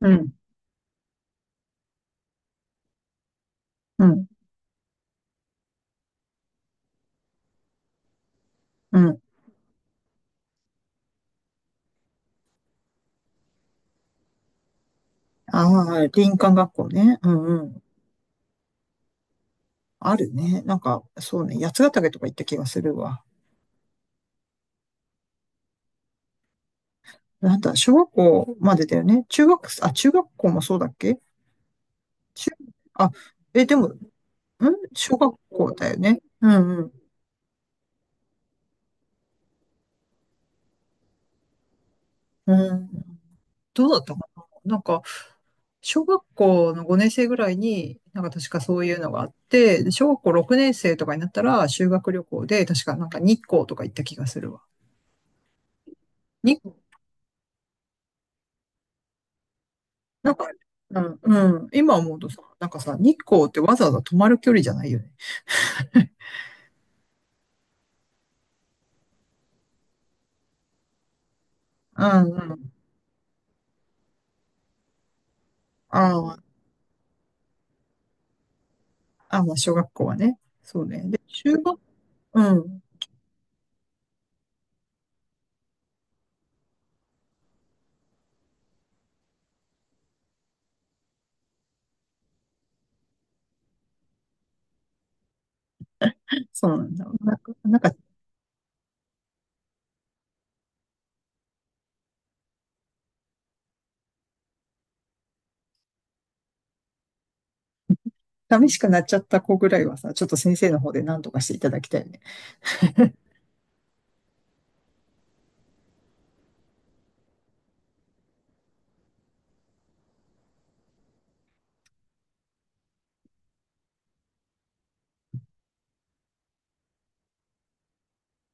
うん、うん、うん。ああ、林間学校ね。うんうん。あるね。そうね。八ヶ岳とか行った気がするわ。なんだ、小学校までだよね。中学校もそうだっけ中、あ、え、でも、小学校だよね。うんうん。うん。どうだったかな小学校の5年生ぐらいに、なんか確かそういうのがあって、で小学校6年生とかになったら修学旅行で、確かなんか日光とか行った気がするわ。日なんか、うん、うん、今思うとさ、なんかさ、日光ってわざわざ泊まる距離じゃないよね。うんうん。あまあ、小学校はね。そうね。で、中学、うん。そうなんだ。寂しくなっちゃった子ぐらいはさ、ちょっと先生の方で何とかしていただきたいよね。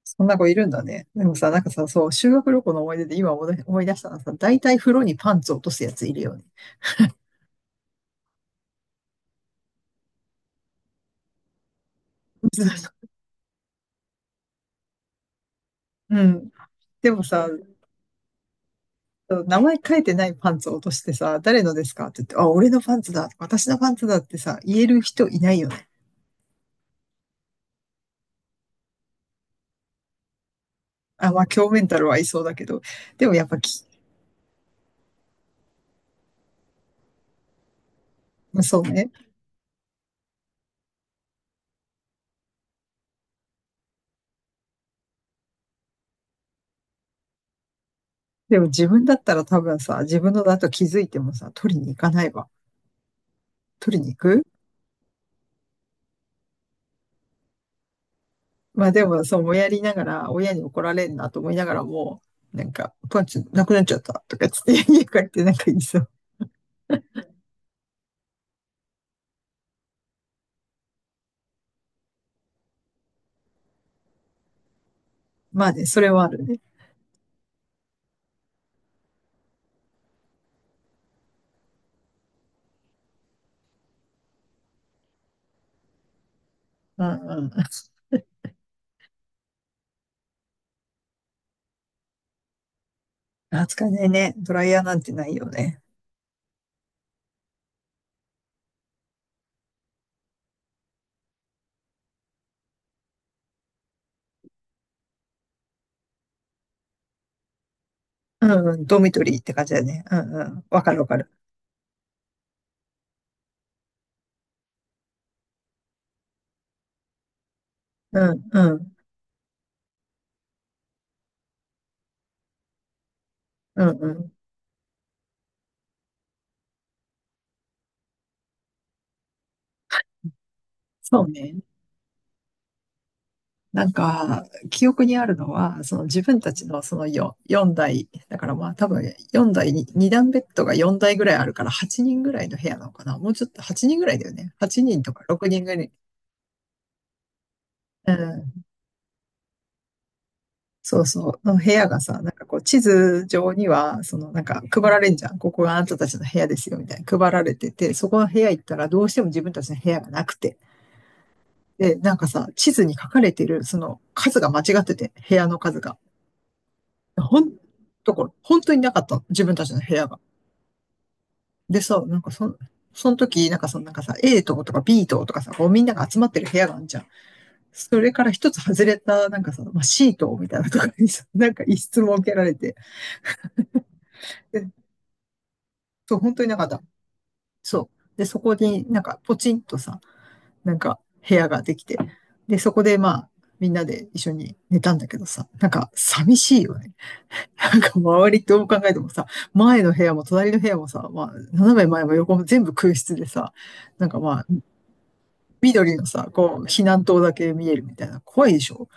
そんな子いるんだね。でもさ、なんかさ、そう、修学旅行の思い出で今思い出したのはさ、大体風呂にパンツ落とすやついるよね。うん。でもさ、名前書いてないパンツを落としてさ、誰のですかって言って、あ、俺のパンツだ、私のパンツだってさ、言える人いないよね。あ、まあ、強メンタルはいそうだけど、でもやっぱき、そうね。でも自分だったら多分さ、自分のだと気づいてもさ、取りに行かないわ。取りに行くまあでも、そう、もやりながら、親に怒られるなと思いながらも、なんか、パンツなくなっちゃったとかつって、家帰ってなんか言いそう。まあね、それはあるね。うんうん。扱えないね。ドライヤーなんてないよね。うんうん、ドミトリーって感じだね。うんうん。わかるわかる。うん、うん、うん、うん。そうね。なんか、記憶にあるのは、その自分たちのその4、四台、だからまあ多分4台に、2段ベッドが4台ぐらいあるから8人ぐらいの部屋なのかな。もうちょっと8人ぐらいだよね。8人とか6人ぐらい。うん。そうそう。の部屋がさ、なんかこう地図上には、そのなんか配られんじゃん。ここがあなたたちの部屋ですよ、みたいな。配られてて、そこの部屋行ったらどうしても自分たちの部屋がなくて。で、なんかさ、地図に書かれてる、その数が間違ってて、部屋の数が。ほんところ、本当になかったの。自分たちの部屋が。でさ、その時、なんかそのなんかさ、A 棟とか B 棟とかさ、こうみんなが集まってる部屋があるじゃん。それから一つ外れた、なんかさ、まあ、C 棟みたいなところにさ、なんか一室設けられて。で、そう、本当になかった。そう。で、そこになんかポチンとさ、なんか部屋ができて。で、そこでまあ、みんなで一緒に寝たんだけどさ、なんか寂しいよね。なんか周りどう考えてもさ、前の部屋も隣の部屋もさ、まあ、斜め前も横も全部空室でさ、なんかまあ、緑のさ、こう、避難灯だけ見えるみたいな、怖いでしょ。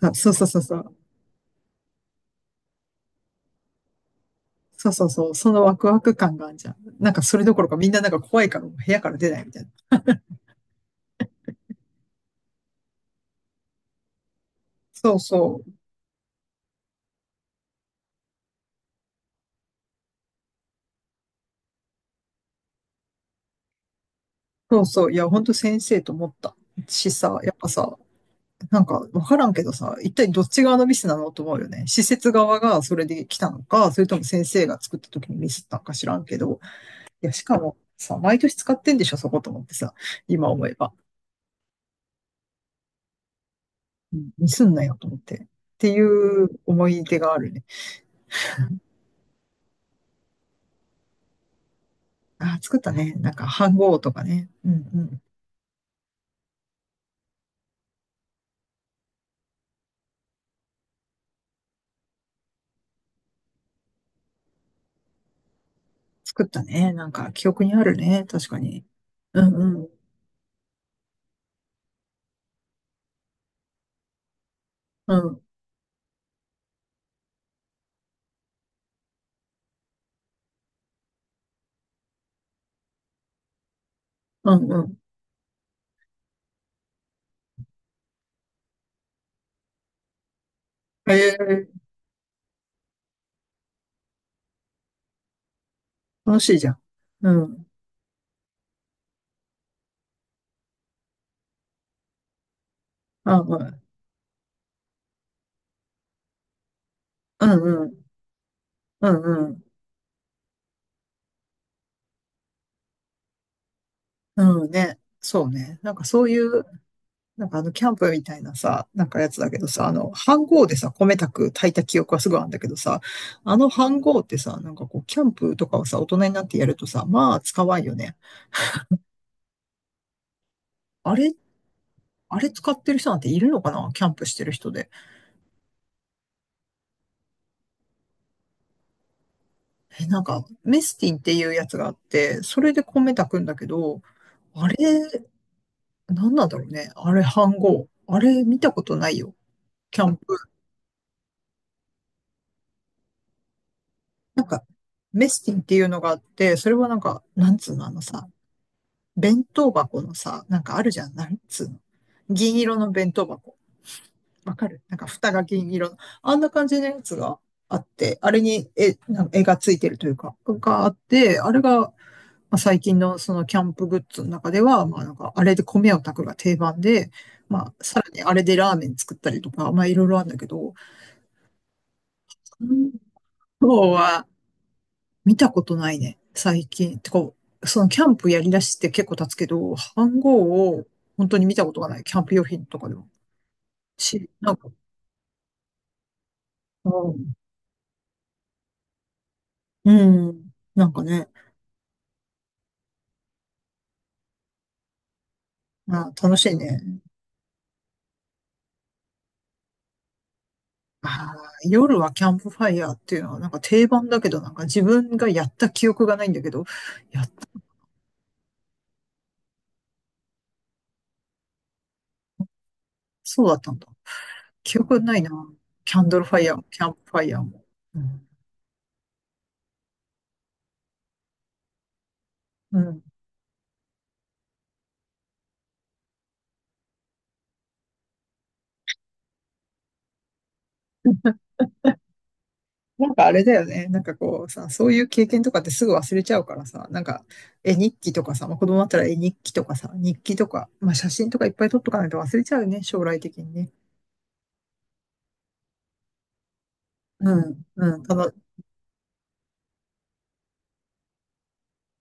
あそうそうそうそう。そうそうそう、そのワクワク感があるじゃん。なんかそれどころかみんななんか怖いからもう部屋から出ないみたいな。そうそう、そうそう、いや、ほんと先生と思ったしさ、やっぱさ、なんかわからんけどさ、一体どっち側のミスなのと思うよね。施設側がそれで来たのか、それとも先生が作った時にミスったのか知らんけど、いや、しかもさ、毎年使ってんでしょ、そこと思ってさ、今思えば。ミスんなよと思って。っていう思い出があるね。あ作ったね。なんか、飯号とかね。うんうん。作ったね。なんか、記憶にあるね。確かに。うんうん。うん。うんうん。ええ楽しいじゃん。うん。あ、うん。うんうん。うんうん。うんね。そうね。なんかそういうなんかあの、キャンプみたいなさ、なんかやつだけどさ、あの、飯盒でさ、米炊く、炊いた記憶はすごいあるんだけどさ、あの飯盒ってさ、なんかこう、キャンプとかをさ、大人になってやるとさ、まあ、使わんよね。あれ、あれ使ってる人なんているのかなキャンプしてる人で。え、なんか、メスティンっていうやつがあって、それで米炊くんだけど、あれ、なんなんだろうね。あれ、飯盒。あれ、見たことないよ。キャンプ。なんか、メスティンっていうのがあって、それはなんか、なんつうの、あのさ、弁当箱のさ、なんかあるじゃん。なんつうの。銀色の弁当箱。わかるなんか蓋が銀色の。あんな感じのやつがあって、あれになんか絵がついてるというか、があって、あれが、まあ、最近のそのキャンプグッズの中では、まあなんかあれで米を炊くが定番で、まあさらにあれでラーメン作ったりとか、まあいろいろあるんだけど、今日は見たことないね、最近。てか、そのキャンプやりだして結構経つけど、飯盒を本当に見たことがない、キャンプ用品とかでも。し、なんか、うん、うん、なんかね、あ、楽しいね。あー、夜はキャンプファイヤーっていうのはなんか定番だけど、なんか自分がやった記憶がないんだけど、やっ、そうだったんだ。記憶ないな。キャンドルファイヤーも、キャンプファイヤーも。うん、うんなんかあれだよね。なんかこうさ、そういう経験とかってすぐ忘れちゃうからさ、なんか絵日記とかさ、まあ、子供だったら絵日記とかさ、日記とか、まあ、写真とかいっぱい撮っとかないと忘れちゃうよね、将来的にね。うん、うん、たの、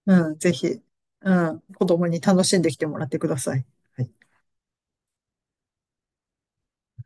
うん、ぜひ、うん、子供に楽しんできてもらってください。はい